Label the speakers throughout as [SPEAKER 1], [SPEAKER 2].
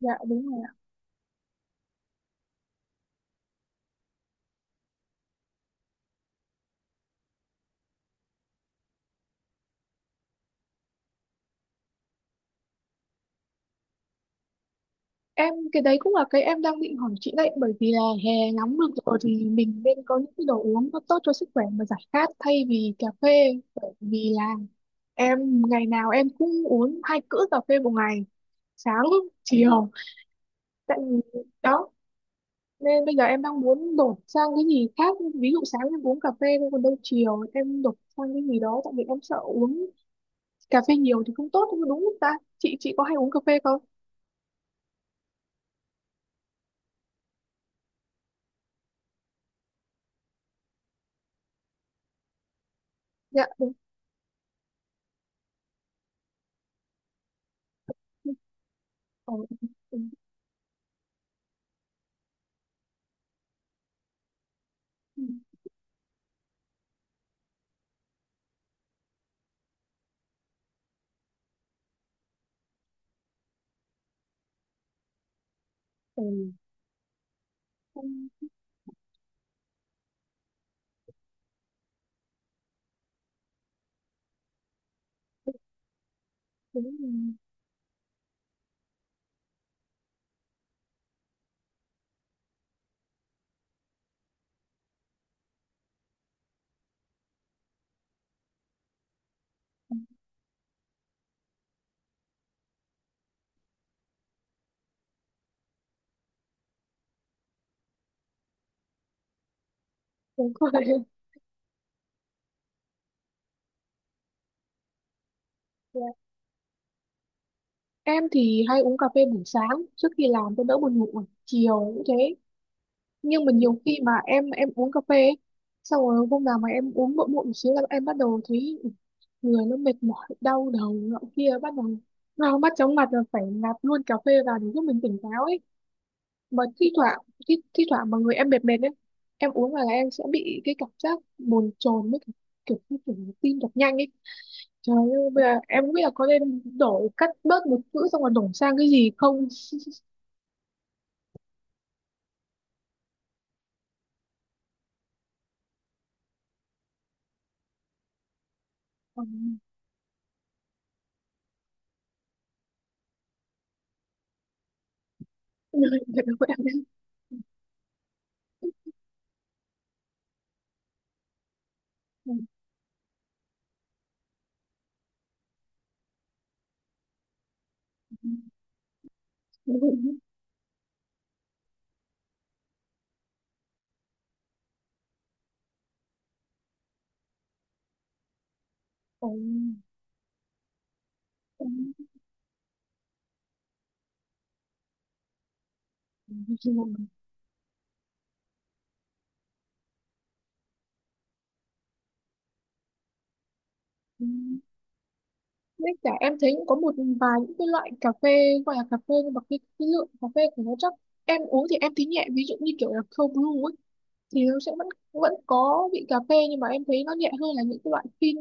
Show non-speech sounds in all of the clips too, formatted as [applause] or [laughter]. [SPEAKER 1] Dạ đúng rồi ạ. Em cái đấy cũng là cái em đang định hỏi chị đấy, bởi vì là hè nóng được rồi thì mình nên có những cái đồ uống nó tốt cho sức khỏe mà giải khát thay vì cà phê. Bởi vì là em ngày nào em cũng uống hai cữ cà phê một ngày, sáng chiều. Tại vì- đó Nên bây giờ em đang muốn đổi sang cái gì khác, ví dụ sáng em uống cà phê thôi, còn đâu chiều em đổi sang cái gì đó, tại vì em sợ uống cà phê nhiều thì không tốt, đúng không ta? Chị có hay uống cà phê không? Dạ đúng. Ờ, ừ. Ừ, ừ. Ừ. Không, đúng rồi. Đúng rồi. [laughs] Dạ. Em thì hay uống cà phê buổi sáng trước khi làm cho đỡ buồn ngủ, chiều cũng thế. Nhưng mà nhiều khi mà em uống cà phê ấy, xong rồi hôm nào mà em uống muộn muộn một xíu là em bắt đầu thấy người nó mệt mỏi, đau đầu nọ kia, bắt đầu đau mắt chóng mặt, rồi phải nạp luôn cà phê vào để giúp mình tỉnh táo ấy. Mà thi thoảng, thi thoảng mà người em mệt mệt ấy, em uống vào là em sẽ bị cái cảm giác bồn chồn, với cả kiểu như kiểu tim đập nhanh ấy. Trời ơi, bây giờ em không biết là có nên đổi, cắt bớt một chữ xong rồi đổi sang cái gì không? [laughs] Ừ. Với cả em thấy cũng có một vài những cái loại cà phê gọi là cà phê nhưng mà cái lượng cà phê của nó chắc em uống thì em thấy nhẹ, ví dụ như kiểu là cold brew ấy, thì nó sẽ vẫn vẫn có vị cà phê nhưng mà em thấy nó nhẹ hơn là những cái loại phin.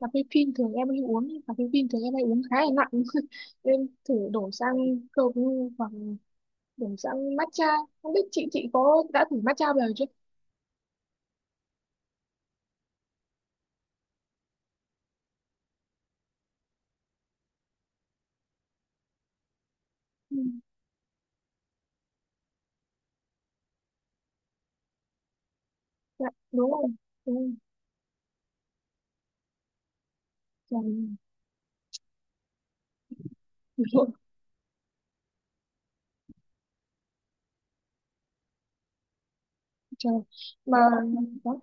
[SPEAKER 1] Cà phê phin thường em hay uống, cà phê phin thường em hay uống khá là nặng. [laughs] Nên thử đổ sang cold brew hoặc đổ sang matcha. Không biết chị có đã thử matcha bao giờ chưa? Ừ. Dạ, đúng rồi. Đúng rồi. Trời, đúng rồi. Trời. [laughs] Mà đó.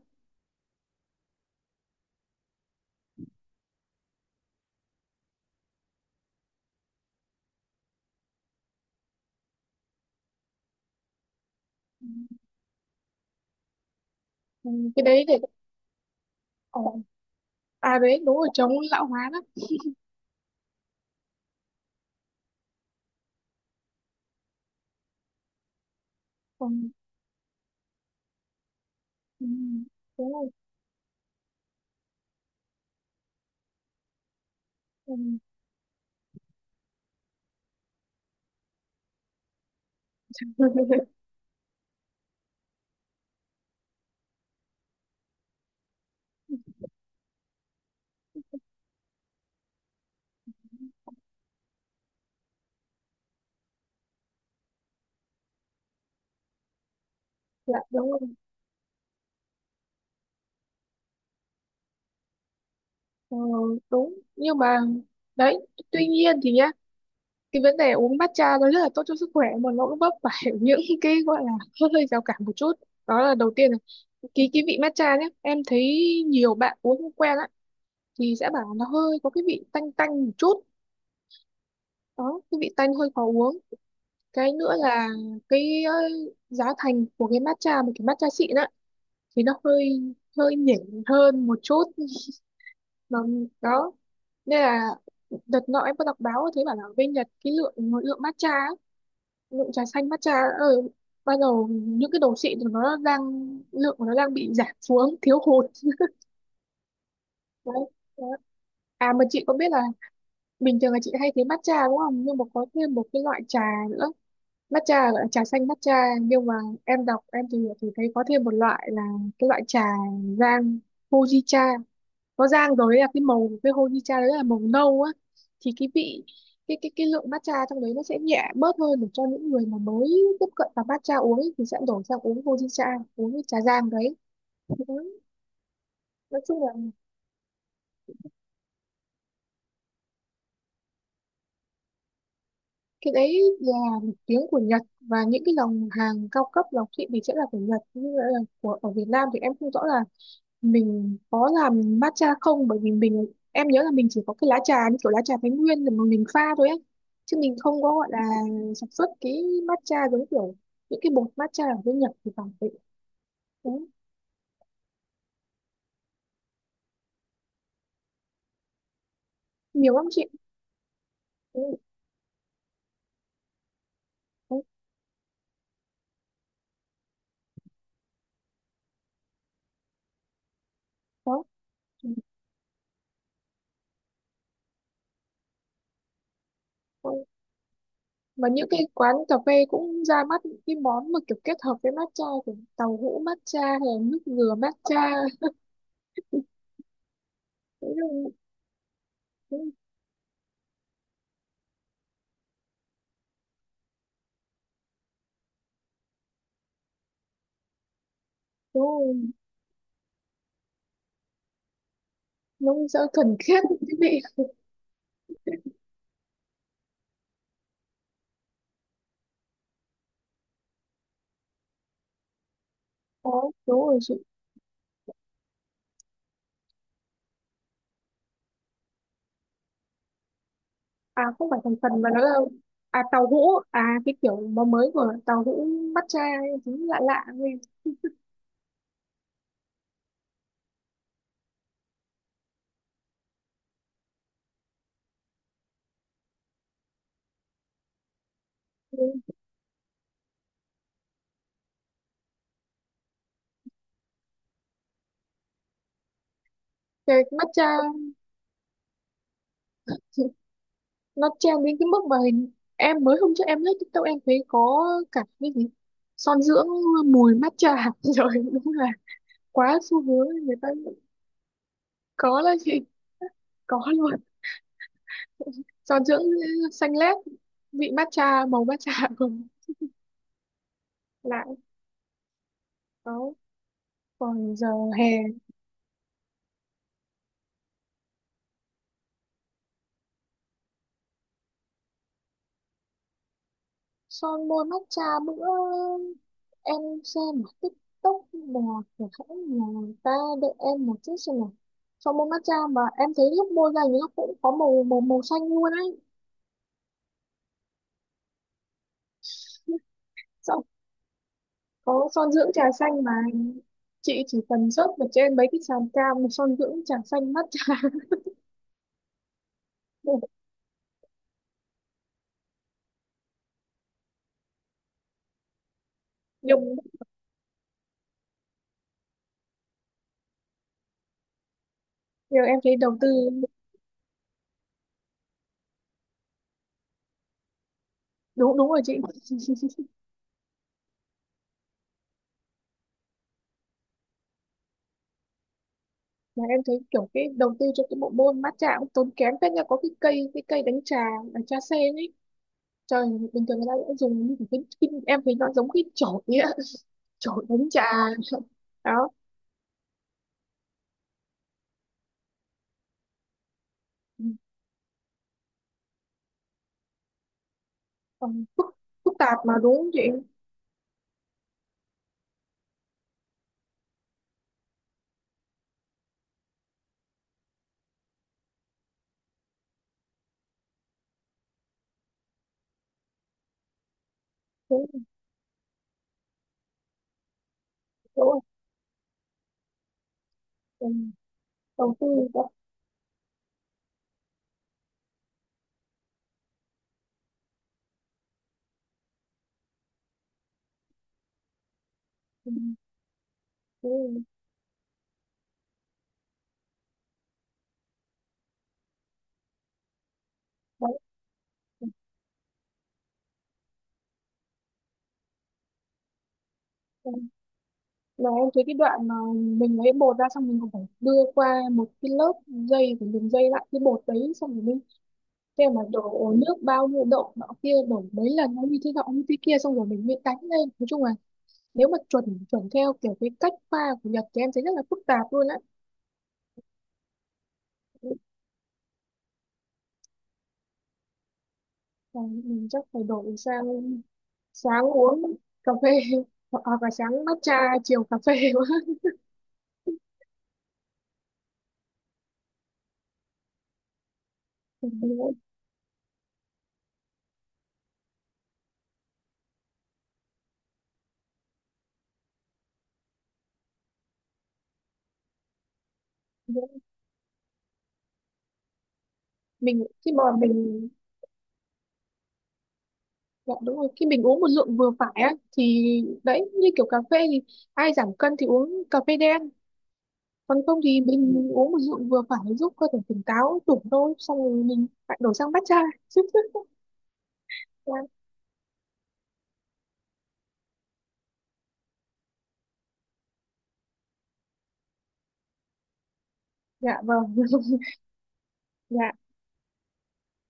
[SPEAKER 1] Ừ, cái đấy để ờ, à đấy đúng rồi, chống lão hóa đó. Còn ừ, đúng rồi. Ừ. [laughs] Dạ đúng rồi. Ờ, đúng nhưng mà đấy, tuy nhiên thì nhá, cái vấn đề uống matcha nó rất là tốt cho sức khỏe mà nó cũng vấp phải [laughs] những cái gọi là [laughs] hơi hơi rào cản một chút. Đó là đầu tiên là cái vị matcha nhé, em thấy nhiều bạn uống không quen á, thì sẽ bảo nó hơi có cái vị tanh tanh một chút. Đó, cái vị tanh hơi khó uống. Cái nữa là cái giá thành của cái matcha, một cái matcha xịn á, thì nó hơi hơi nhỉnh hơn một chút. [laughs] Mà đó, nên là đợt nọ em có đọc báo thấy bảo là ở bên Nhật, cái lượng, lượng matcha á, lượng trà xanh matcha ở ban đầu những cái đồ xịn thì nó đang, lượng của nó đang bị giảm xuống, thiếu hụt. Đấy, đấy. À mà chị có biết là bình thường là chị hay thấy matcha đúng không, nhưng mà có thêm một cái loại trà nữa, matcha gọi là trà xanh matcha, nhưng mà em đọc, em tìm hiểu thì thấy có thêm một loại là cái loại trà rang Fujicha, nó rang rồi ấy, là cái màu của cái honeycha đấy, là màu nâu á. Thì cái vị, cái lượng matcha trong đấy nó sẽ nhẹ bớt hơn, để cho những người mà mới tiếp cận vào matcha uống ấy, thì sẽ đổi sang uống honeycha, uống cái trà rang đấy. Ừ. Nói chung là cái đấy là một tiếng của Nhật, và những cái dòng hàng cao cấp lọc thị thì sẽ là của Nhật. Như là của ở Việt Nam thì em không rõ là mình có làm matcha không, bởi vì mình, em nhớ là mình chỉ có cái lá trà như kiểu lá trà Thái Nguyên rồi mà mình pha thôi ấy, chứ mình không có gọi là sản xuất cái matcha giống kiểu những cái bột matcha ở bên Nhật thì phải đấy. Đúng. Nhiều lắm chị. Ừ, ừ, đó. Mà những cái quán cà phê cũng ra mắt những cái món mà kiểu kết hợp với matcha, kiểu tàu hũ matcha hay là nước dừa matcha. Đúng rồi, đúng rồi. Nó sẽ thuần khiết cái vị. Có đúng rồi chị. À không phải thành phần, mà nó là à tàu hũ, à cái kiểu mà mới của tàu hũ matcha ấy, đúng lạ lạ nghe. Ừ. Cái matcha thì nó trend đến cái mức mà hình, em mới hôm trước em lướt TikTok em thấy có cả cái gì son dưỡng mùi matcha. [laughs] Rồi đúng là quá xu hướng người ta có là chị, có luôn son dưỡng xanh lét, vị matcha màu matcha [laughs] cùng lại. Có, còn giờ hè son môi matcha. Bữa em xem một TikTok là của hãng nhà ta, để em một chút xem nào. Son môi matcha mà em thấy lúc môi ra thì nó cũng có màu màu màu xanh luôn ấy. Xong có son dưỡng trà xanh mà, chị chỉ cần search vào trên mấy cái sàn cam son dưỡng trà xanh matcha. [laughs] Dùng nhiều em thấy đầu tư. Đúng đúng rồi chị. [laughs] Mà em thấy kiểu cái đầu tư cho cái bộ môn matcha cũng tốn kém phết nha, có cái cây đánh trà là trà sen ấy. Trời, bình thường người ta sẽ dùng như cái em thấy nó giống cái chổi ấy ạ. [laughs] Chổi đánh trà. [laughs] Đó. Ừ. Còn phức tạp mà đúng không chị? Đúng, đúng rồi. Ừ. Đầu tư đó. Ừ, đúng rồi. Đấy. Ừ. Mà em thấy cái đoạn mà mình lấy bột ra, xong mình còn phải đưa qua một cái lớp dây, phải dùng dây lại cái bột đấy xong rồi mới thế, mà đổ nước bao nhiêu độ nọ kia, đổ mấy lần nó như thế nọ như thế kia, xong rồi mình bị đánh lên, nói chung là nếu mà chuẩn chuẩn theo kiểu cái cách pha của Nhật thì em thấy rất là phức tạp luôn á. Và mình chắc phải đổi sang sáng uống cà phê [laughs] hoặc là sáng matcha chiều cà phê [laughs] quá. Mình khi mà mình, dạ, đúng rồi, khi mình uống một lượng vừa phải á thì đấy, như kiểu cà phê thì ai giảm cân thì uống cà phê đen, còn không thì mình uống một rượu vừa phải giúp cơ thể tỉnh táo đủ thôi, xong rồi mình lại đổi sang matcha [laughs] chứ. Dạ. Dạ, vâng. [laughs] Dạ.